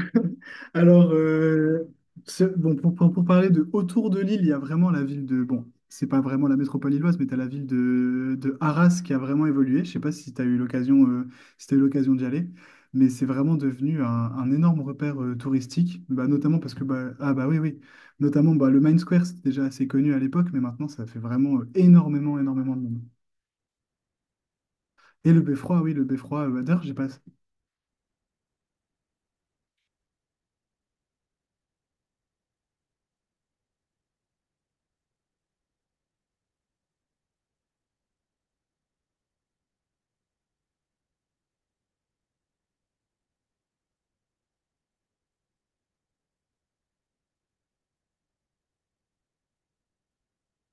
Alors, euh, pour parler de autour de Lille, il y a vraiment la ville de... Bon, c'est pas vraiment la métropole lilloise, mais tu as la ville de Arras qui a vraiment évolué. Je sais pas si tu as eu l'occasion si t'as eu l'occasion d'y aller, mais c'est vraiment devenu un énorme repère touristique, bah, notamment parce que... Bah, ah bah oui, oui. Notamment, bah, le Main Square, c'était déjà assez connu à l'époque, mais maintenant, ça fait vraiment énormément, énormément de monde. Et le Beffroi, oui, le Beffroi. Bah, d'ailleurs, j'ai pas...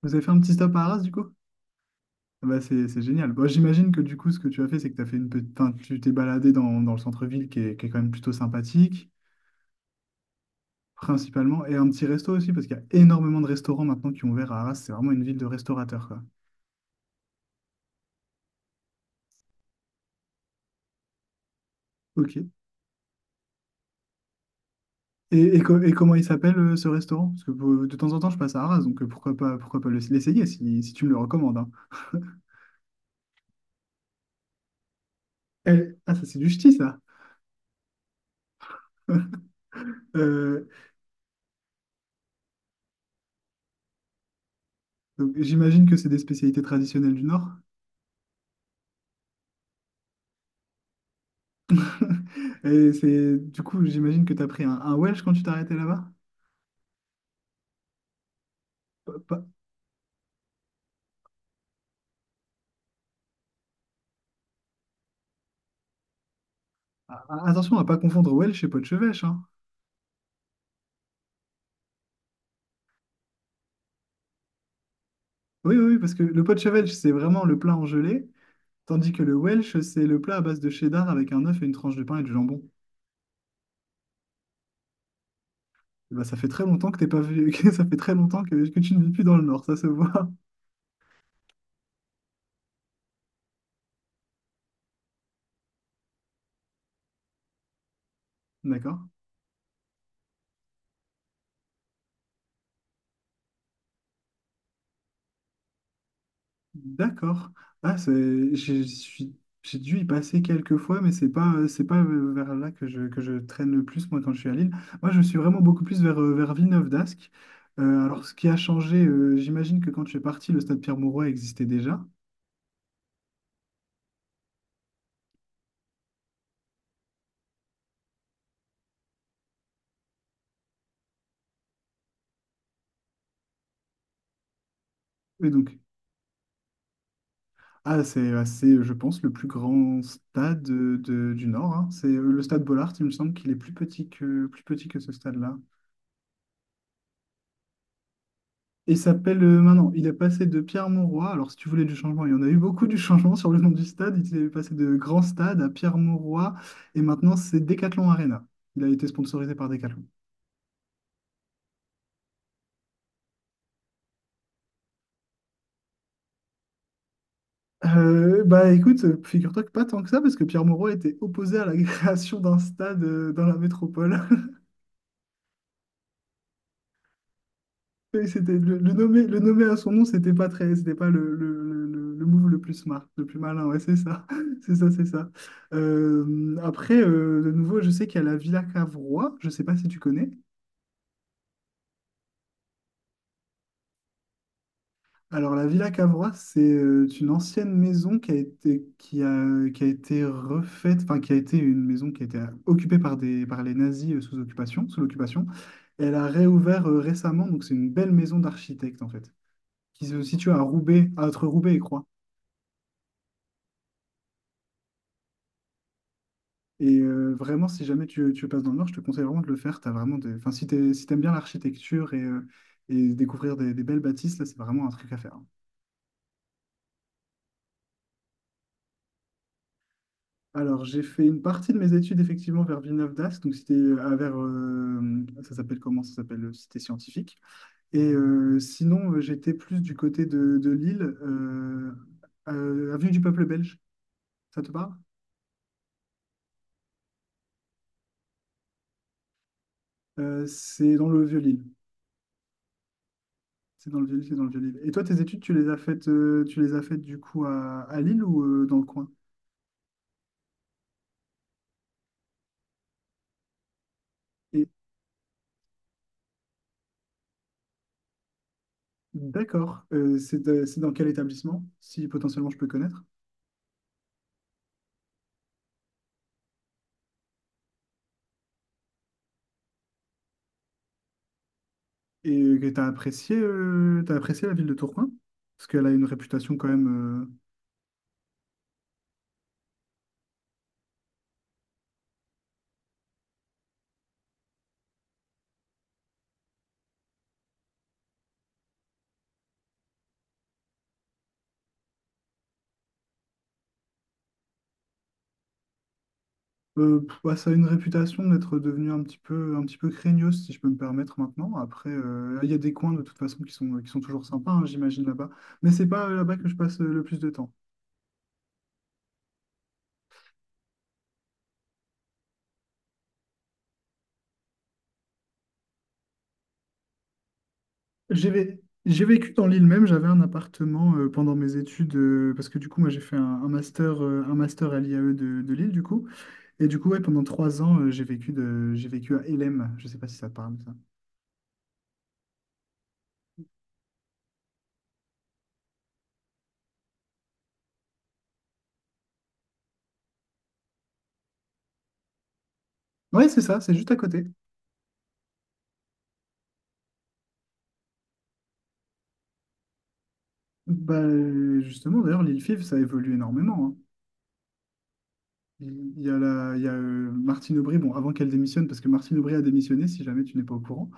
Vous avez fait un petit stop à Arras, du coup? Ah bah c'est génial. Bon, j'imagine que du coup, ce que tu as fait, c'est que t'as fait une petite... enfin, tu t'es baladé dans, dans le centre-ville qui est quand même plutôt sympathique, principalement, et un petit resto aussi, parce qu'il y a énormément de restaurants maintenant qui ont ouvert à Arras. C'est vraiment une ville de restaurateurs, quoi. Ok. Et comment il s'appelle ce restaurant? Parce que de temps en temps, je passe à Arras, donc pourquoi pas, l'essayer si, si tu me le recommandes, hein. Eh, ah, ça, c'est du ch'ti, ça. Euh, donc, j'imagine que c'est des spécialités traditionnelles du Nord. Et c'est, du coup, j'imagine que tu as pris un Welsh quand tu t'es arrêté là-bas? Ah, ah, attention à pas confondre Welsh et Potchevêche, hein. Oui, oui, oui, parce que le Potchevêche, c'est vraiment le plat en gelée, tandis que le Welsh, c'est le plat à base de cheddar avec un œuf et une tranche de pain et du jambon. Eh ben, ça fait très longtemps que t'es pas vu, que ça fait très longtemps que tu ne vis plus dans le Nord, ça se voit. D'accord. D'accord. Ah, c'est, j'ai dû y passer quelques fois, mais c'est pas vers là que je traîne le plus, moi, quand je suis à Lille. Moi, je suis vraiment beaucoup plus vers, vers Villeneuve-d'Ascq. Alors, ce qui a changé, j'imagine que quand tu es parti, le stade Pierre-Mauroy existait déjà. Et donc, ah, c'est, ouais, c'est, je pense, le plus grand stade du Nord, hein. C'est le stade Bollard, il me semble qu'il est plus petit que ce stade-là. Et il s'appelle maintenant, il a passé de Pierre-Mauroy. Alors, si tu voulais du changement, il y en a eu beaucoup du changement sur le nom du stade. Il est passé de Grand Stade à Pierre-Mauroy. Et maintenant, c'est Decathlon Arena. Il a été sponsorisé par Decathlon. Bah écoute, figure-toi que pas tant que ça, parce que Pierre Moreau était opposé à la création d'un stade dans la métropole. Oui, c'était le nommer à son nom, c'était pas très, c'était pas le move le plus smart, le plus malin, ouais, c'est ça, c'est ça, c'est ça. Après, de nouveau, je sais qu'il y a la Villa Cavrois, je sais pas si tu connais. Alors, la Villa Cavrois, c'est une ancienne maison qui a été refaite, enfin, qui a été une maison qui a été occupée par des, par les nazis sous occupation, sous l'occupation. Elle a réouvert récemment, donc c'est une belle maison d'architecte, en fait, qui se situe à Roubaix, entre Roubaix et Croix. Et vraiment, si jamais tu, tu passes dans le Nord, je te conseille vraiment de le faire. T'as vraiment des... enfin, si t'aimes bien l'architecture et découvrir des belles bâtisses, là, c'est vraiment un truc à faire. Alors, j'ai fait une partie de mes études, effectivement, vers Villeneuve-d'Ascq. Donc, c'était à vers... ça s'appelle comment? Ça s'appelle Cité Scientifique. Et sinon, j'étais plus du côté de Lille, Avenue du Peuple Belge. Ça te parle? C'est dans le Vieux-Lille. C'est dans le vieux, c'est dans le vieux Lille. Et toi, tes études, tu les as faites, tu les as faites du coup à Lille ou dans le coin? Et d'accord, c'est dans quel établissement, si potentiellement je peux connaître? Et t'as apprécié la ville de Tourcoing? Parce qu'elle a une réputation quand même, pff, ouais, ça a une réputation d'être devenue un petit peu craignos, si je peux me permettre maintenant. Après, il y a des coins de toute façon qui sont toujours sympas, hein, j'imagine là-bas. Mais c'est pas là-bas que je passe le plus de temps. J'ai vé- j'ai vécu dans l'île même, j'avais un appartement pendant mes études, parce que du coup, moi j'ai fait un master à l'IAE de Lille, du coup. Et du coup, ouais, pendant 3 ans, j'ai vécu, de, j'ai vécu à Hélène, je sais pas si ça te parle, ça. Ouais, c'est ça, c'est juste à côté. Bah, justement, d'ailleurs, l'île FIV, ça évolue énormément, hein. Il y a, la, il y a Martine Aubry, bon, avant qu'elle démissionne, parce que Martine Aubry a démissionné, si jamais tu n'es pas au courant.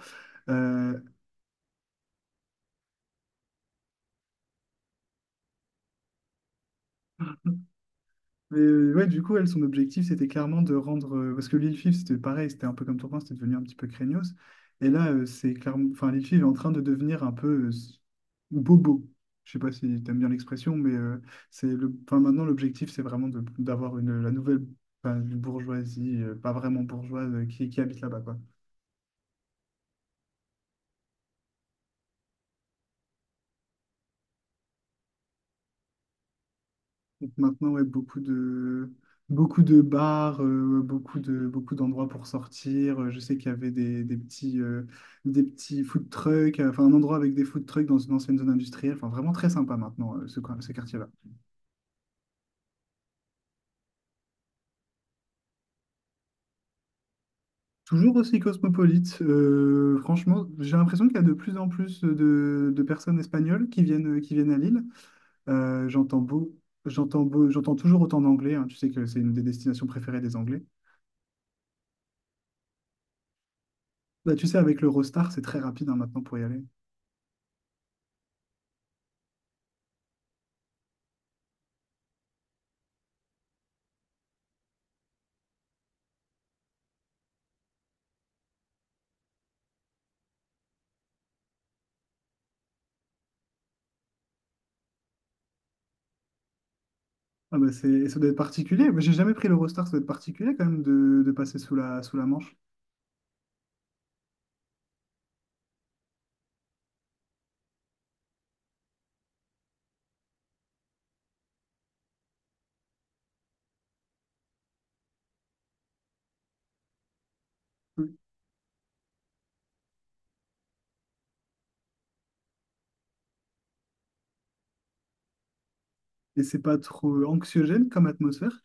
Euh, Mais ouais, du coup, elle, son objectif, c'était clairement de rendre. Parce que Lil Fif, c'était pareil, c'était un peu comme Tourcoing c'était devenu un petit peu craignos. Et là, c'est clairement. Enfin, Lil Fif est en train de devenir un peu bobo. Je sais pas si t'aimes bien l'expression, mais c'est le. Enfin, maintenant, l'objectif, c'est vraiment d'avoir une la nouvelle enfin, une bourgeoisie, pas vraiment bourgeoise, qui habite là-bas, quoi. Donc maintenant, ouais, beaucoup de bars, beaucoup de, beaucoup d'endroits pour sortir. Je sais qu'il y avait des petits food trucks, enfin un endroit avec des food trucks dans une ancienne zone industrielle. Enfin, vraiment très sympa maintenant, ce quartier-là. Toujours aussi cosmopolite. Franchement, j'ai l'impression qu'il y a de plus en plus de personnes espagnoles qui viennent à Lille. Euh, j'entends beau, J'entends toujours autant d'anglais, hein. Tu sais que c'est une des destinations préférées des Anglais. Bah, tu sais, avec l'Eurostar, c'est très rapide hein, maintenant pour y aller. Ah bah c'est, ça doit être particulier. Mais j'ai jamais pris l'Eurostar, ça doit être particulier quand même de passer sous la Manche. Oui. Et c'est pas trop anxiogène comme atmosphère.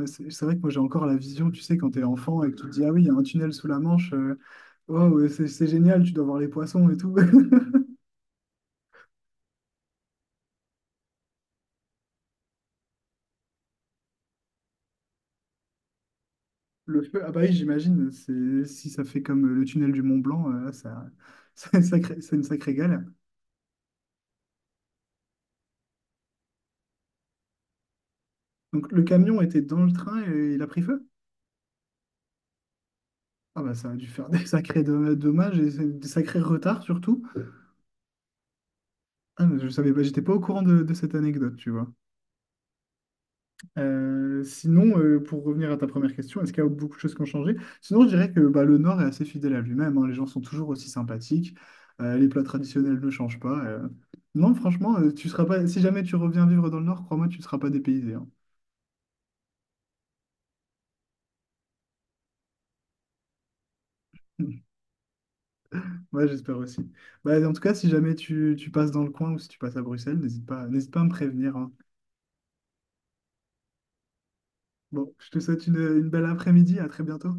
C'est vrai que moi j'ai encore la vision, tu sais, quand t'es enfant et que tu te dis, ah oui, il y a un tunnel sous la Manche, oh, ouais, c'est génial, tu dois voir les poissons et tout. Le feu, ah bah oui, j'imagine, c'est, si ça fait comme le tunnel du Mont Blanc, ça, c'est une sacrée galère. Donc le camion était dans le train et il a pris feu? Ah bah ça a dû faire des sacrés dommages et des sacrés retards surtout. Ah, mais je savais pas, j'étais pas au courant de cette anecdote, tu vois. Sinon, pour revenir à ta première question, est-ce qu'il y a beaucoup de choses qui ont changé? Sinon, je dirais que bah, le Nord est assez fidèle à lui-même, hein. Les gens sont toujours aussi sympathiques, les plats traditionnels ne changent pas. Non, franchement, tu seras pas, si jamais tu reviens vivre dans le Nord, crois-moi, tu ne seras pas dépaysé, hein. Ouais, j'espère aussi. Bah, en tout cas, si jamais tu, tu passes dans le coin ou si tu passes à Bruxelles, n'hésite pas à me prévenir, hein. Bon, je te souhaite une belle après-midi, à très bientôt.